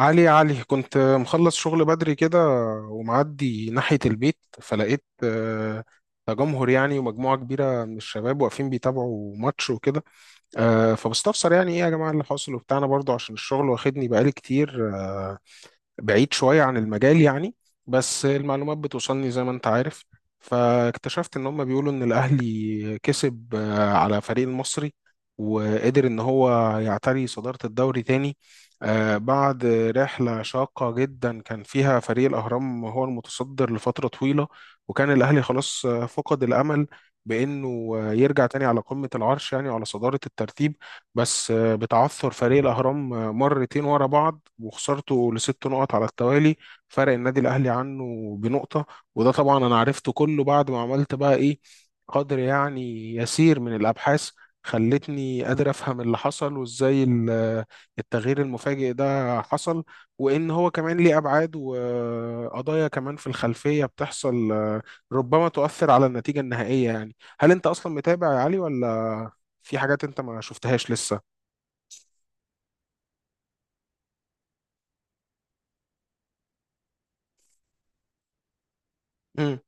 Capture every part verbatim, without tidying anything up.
علي، يا علي، كنت مخلص شغل بدري كده ومعدي ناحية البيت فلقيت آه، تجمهر، يعني، ومجموعة كبيرة من الشباب واقفين بيتابعوا ماتش وكده. آه، فبستفسر، يعني، ايه يا جماعة اللي حاصل، وبتاعنا برضو عشان الشغل واخدني بقالي كتير آه، بعيد شوية عن المجال، يعني، بس المعلومات بتوصلني زي ما انت عارف. فاكتشفت ان هم بيقولوا ان الاهلي كسب آه، على فريق المصري، وقدر ان هو يعتري صدارة الدوري تاني آه، بعد رحلة شاقة جدا كان فيها فريق الأهرام هو المتصدر لفترة طويلة، وكان الأهلي خلاص آه، فقد الأمل بأنه آه، يرجع تاني على قمة العرش، يعني على صدارة الترتيب، بس آه، بتعثر فريق الأهرام آه، مرتين ورا بعض وخسارته لست نقط على التوالي فرق النادي الأهلي عنه بنقطة. وده طبعا أنا عرفته كله بعد ما عملت بقى إيه قدر، يعني، يسير من الأبحاث، خلتني قادر أفهم اللي حصل وإزاي ال- آه، التغيير المفاجئ ده حصل، وإن هو كمان ليه أبعاد وقضايا كمان في الخلفية بتحصل آه، ربما تؤثر على النتيجة النهائية. يعني، هل أنت أصلا متابع يا علي، ولا في حاجات أنت ما شفتهاش لسه؟ مم.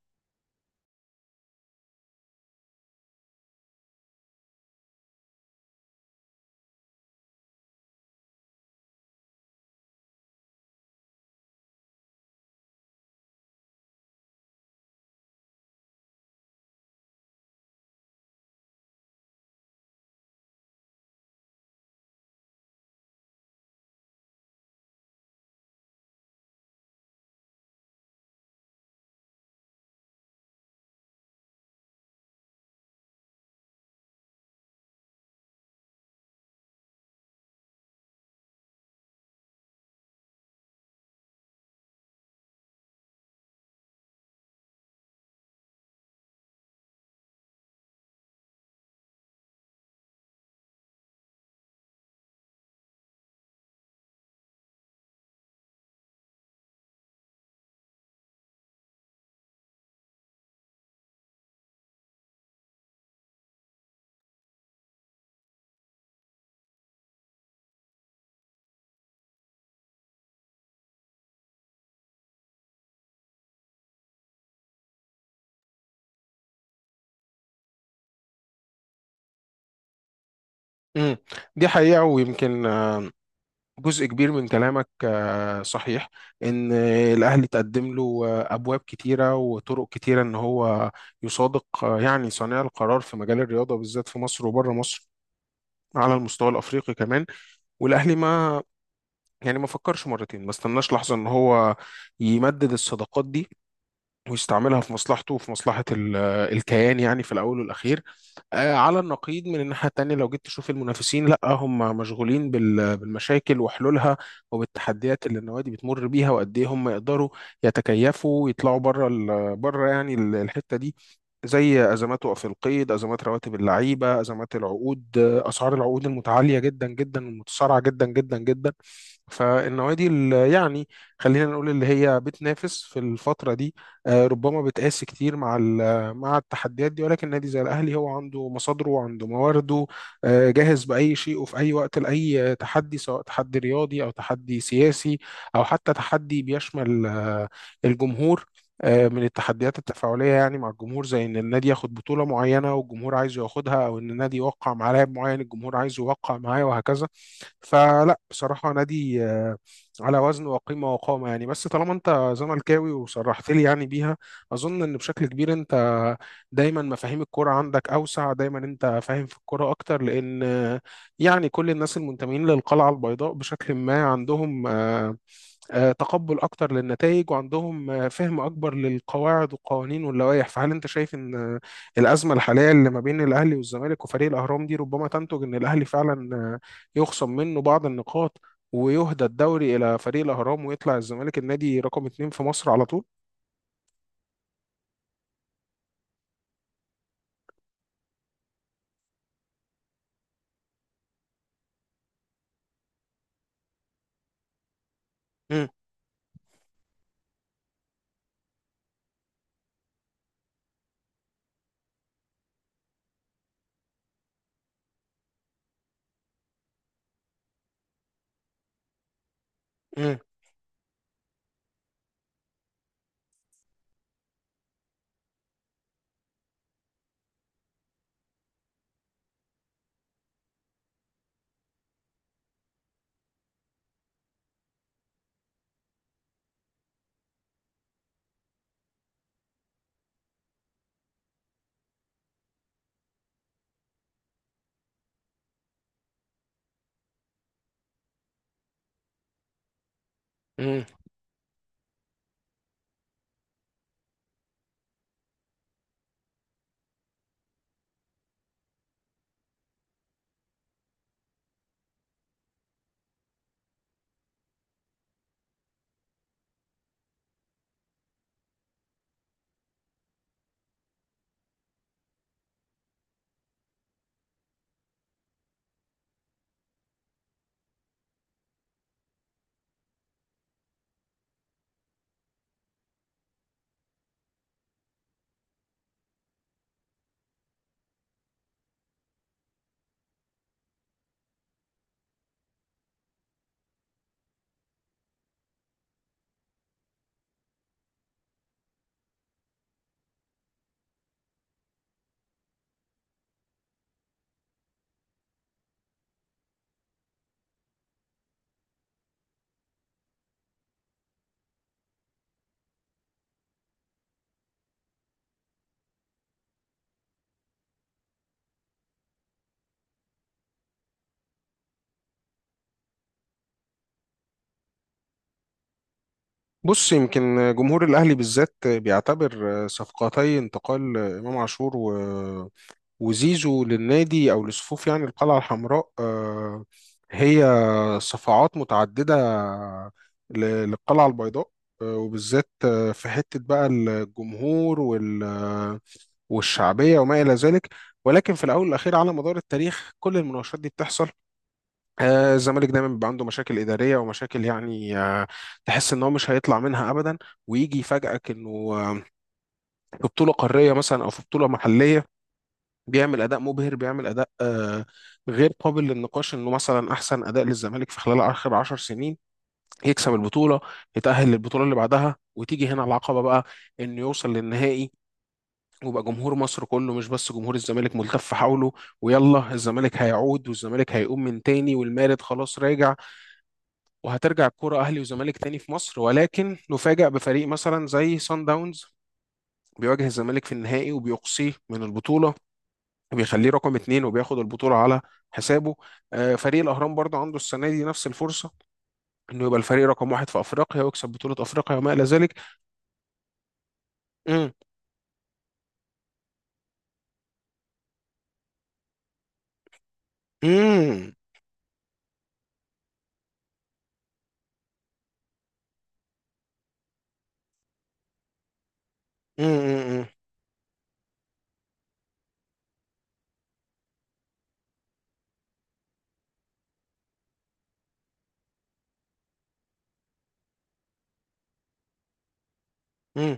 مم. دي حقيقة، ويمكن جزء كبير من كلامك آه، صحيح، ان الاهلي تقدم له آه، ابواب كتيره وطرق كتيره ان هو يصادق، آه، يعني، صانع القرار في مجال الرياضه، بالذات في مصر وبره مصر، على المستوى الافريقي كمان. والاهلي ما، يعني، ما فكرش مرتين، ما استناش لحظه ان هو يمدد الصداقات دي ويستعملها في مصلحته وفي مصلحه ال- آه، الكيان، يعني، في الاول والاخير. آه، على النقيض من الناحية التانية لو جيت تشوف المنافسين، لا هم مشغولين بال- بالمشاكل وحلولها، وبالتحديات اللي النوادي بتمر بيها وقد ايه هم يقدروا يتكيفوا ويطلعوا بره ال- بره، يعني، ال- الحتة دي، زي ازمات وقف القيد، ازمات رواتب اللعيبة، ازمات العقود، آه، اسعار العقود المتعالية جدا جدا والمتسارعة جدا جدا جدا. فالنوادي اللي، يعني، خلينا نقول اللي هي بتنافس في الفترة دي آه، ربما بتقاس كتير مع مع التحديات دي، ولكن نادي زي الاهلي هو عنده مصادره وعنده موارده، آه، جاهز باي شيء وفي اي وقت لاي تحدي، سواء تحدي رياضي او تحدي سياسي او حتى تحدي بيشمل آه، الجمهور، آه، من التحديات التفاعلية يعني مع الجمهور، زي إن النادي ياخد بطولة معينة والجمهور عايزه ياخدها، أو إن النادي يوقع مع لاعب معين الجمهور عايزه يوقع معاه، وهكذا. فلا، بصراحة، نادي آه، على وزن وقيمة وقامة، يعني. بس طالما أنت زملكاوي وصرحت لي، يعني، بيها، اظن ان بشكل كبير انت دايما مفاهيم الكوره عندك اوسع، دايما انت فاهم في الكوره اكتر، لان، يعني، كل الناس المنتمين للقلعه البيضاء بشكل ما عندهم آه، آه، تقبل اكتر للنتائج، وعندهم آه، فهم اكبر للقواعد والقوانين واللوائح. فهل انت شايف ان الازمه الحاليه اللي ما بين الاهلي والزمالك وفريق الاهرام دي ربما تنتج ان الاهلي فعلا آه، يخصم منه بعض النقاط ويهدى الدوري الى فريق الاهرام، ويطلع الزمالك النادي رقم اتنين في مصر على طول؟ مم، مم، مم. بص، يمكن جمهور الأهلي بالذات بيعتبر صفقتي انتقال إمام عاشور و- وزيزو للنادي، أو لصفوف، يعني، القلعة الحمراء، آه، هي صفعات متعددة ل- للقلعة البيضاء، آه، وبالذات آه، في حتة بقى الجمهور وال والشعبية وما إلى ذلك. ولكن في الأول والأخير، على مدار التاريخ، كل المناوشات دي بتحصل. آه، الزمالك دايما بيبقى عنده مشاكل إدارية ومشاكل، يعني، آه، تحس إن هو مش هيطلع منها أبدا، ويجي يفاجئك إنه آه، في بطولة قارية مثلا أو في بطولة محلية بيعمل أداء مبهر، بيعمل أداء آه، غير قابل للنقاش، إنه مثلا أحسن أداء للزمالك في خلال آخر عشر سنين، يكسب البطولة، يتأهل للبطولة اللي بعدها. وتيجي هنا العقبة بقى، إنه يوصل للنهائي ويبقى جمهور مصر كله، مش بس جمهور الزمالك، ملتف حوله، ويلا الزمالك هيعود، والزمالك هيقوم من تاني، والمارد خلاص راجع، وهترجع الكوره اهلي وزمالك تاني في مصر. ولكن نفاجأ بفريق مثلا زي سان داونز بيواجه الزمالك في النهائي وبيقصيه من البطوله وبيخليه رقم اتنين وبياخد البطوله على حسابه. آه، فريق الاهرام برضه عنده السنه دي نفس الفرصه انه يبقى الفريق رقم واحد في افريقيا ويكسب بطوله افريقيا وما الى ذلك. مم، مم، مم، مم، مم.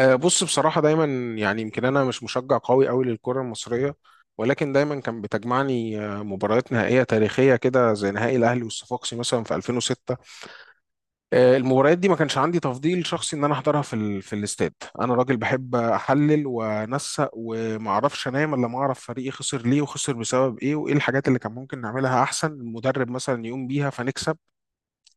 آه، بص، بصراحة، دايما، يعني، يمكن أنا مش مشجع قوي قوي للكرة المصرية، ولكن دايما كان بتجمعني آه، مباريات نهائية تاريخية كده، زي نهائي الأهلي والصفاقسي مثلا في الفين وستة. آه، المباريات دي ما كانش عندي تفضيل شخصي إن أنا أحضرها في ال... في الاستاد. أنا راجل بحب أحلل وأنسق وما أعرفش أنام إلا ما أعرف فريقي خسر ليه، وخسر بسبب إيه، وإيه الحاجات اللي كان ممكن نعملها أحسن المدرب مثلا يقوم بيها فنكسب.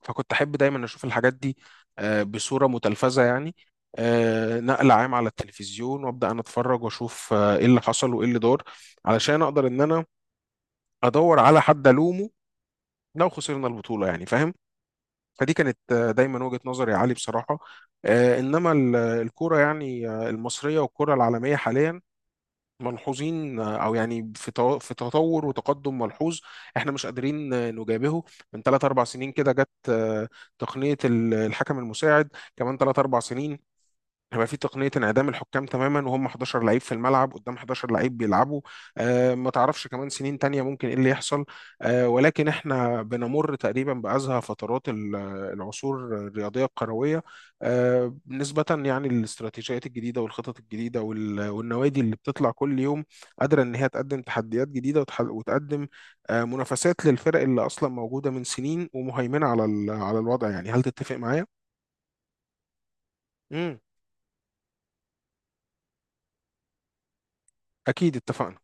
فكنت احب دايما اشوف الحاجات دي آه، بصوره متلفزه، يعني آه، نقل عام على التلفزيون، وابدا انا اتفرج واشوف آه، ايه اللي حصل وايه اللي دار، علشان اقدر ان انا ادور على حد الومه لو خسرنا البطوله، يعني، فاهم. فدي كانت، آه، دايما، وجهه نظري يا علي، بصراحه. آه، انما ال- الكوره، يعني، آه، المصريه والكوره العالميه حاليا ملحوظين، او، يعني، في تو- في تطور وتقدم ملحوظ احنا مش قادرين نجابهه. من ثلاث اربع سنين كده جت آه، تقنيه ال- الحكم المساعد. كمان ثلاث اربع سنين هيبقى في تقنية انعدام الحكام تماما، وهم حداشر لعيب في الملعب قدام حداشر لعيب بيلعبوا. آه ما تعرفش كمان سنين تانية ممكن ايه اللي يحصل. آه ولكن احنا بنمر تقريبا بأزهى فترات ال- العصور الرياضية الكروية، آه نسبة، يعني، للاستراتيجيات الجديدة والخطط الجديدة وال- والنوادي اللي بتطلع كل يوم قادرة ان هي تقدم تحديات جديدة وتح- وتقدم آه منافسات للفرق اللي اصلا موجودة من سنين ومهيمنة على ال- على الوضع. يعني، هل تتفق معايا؟ مم. اكيد اتفقنا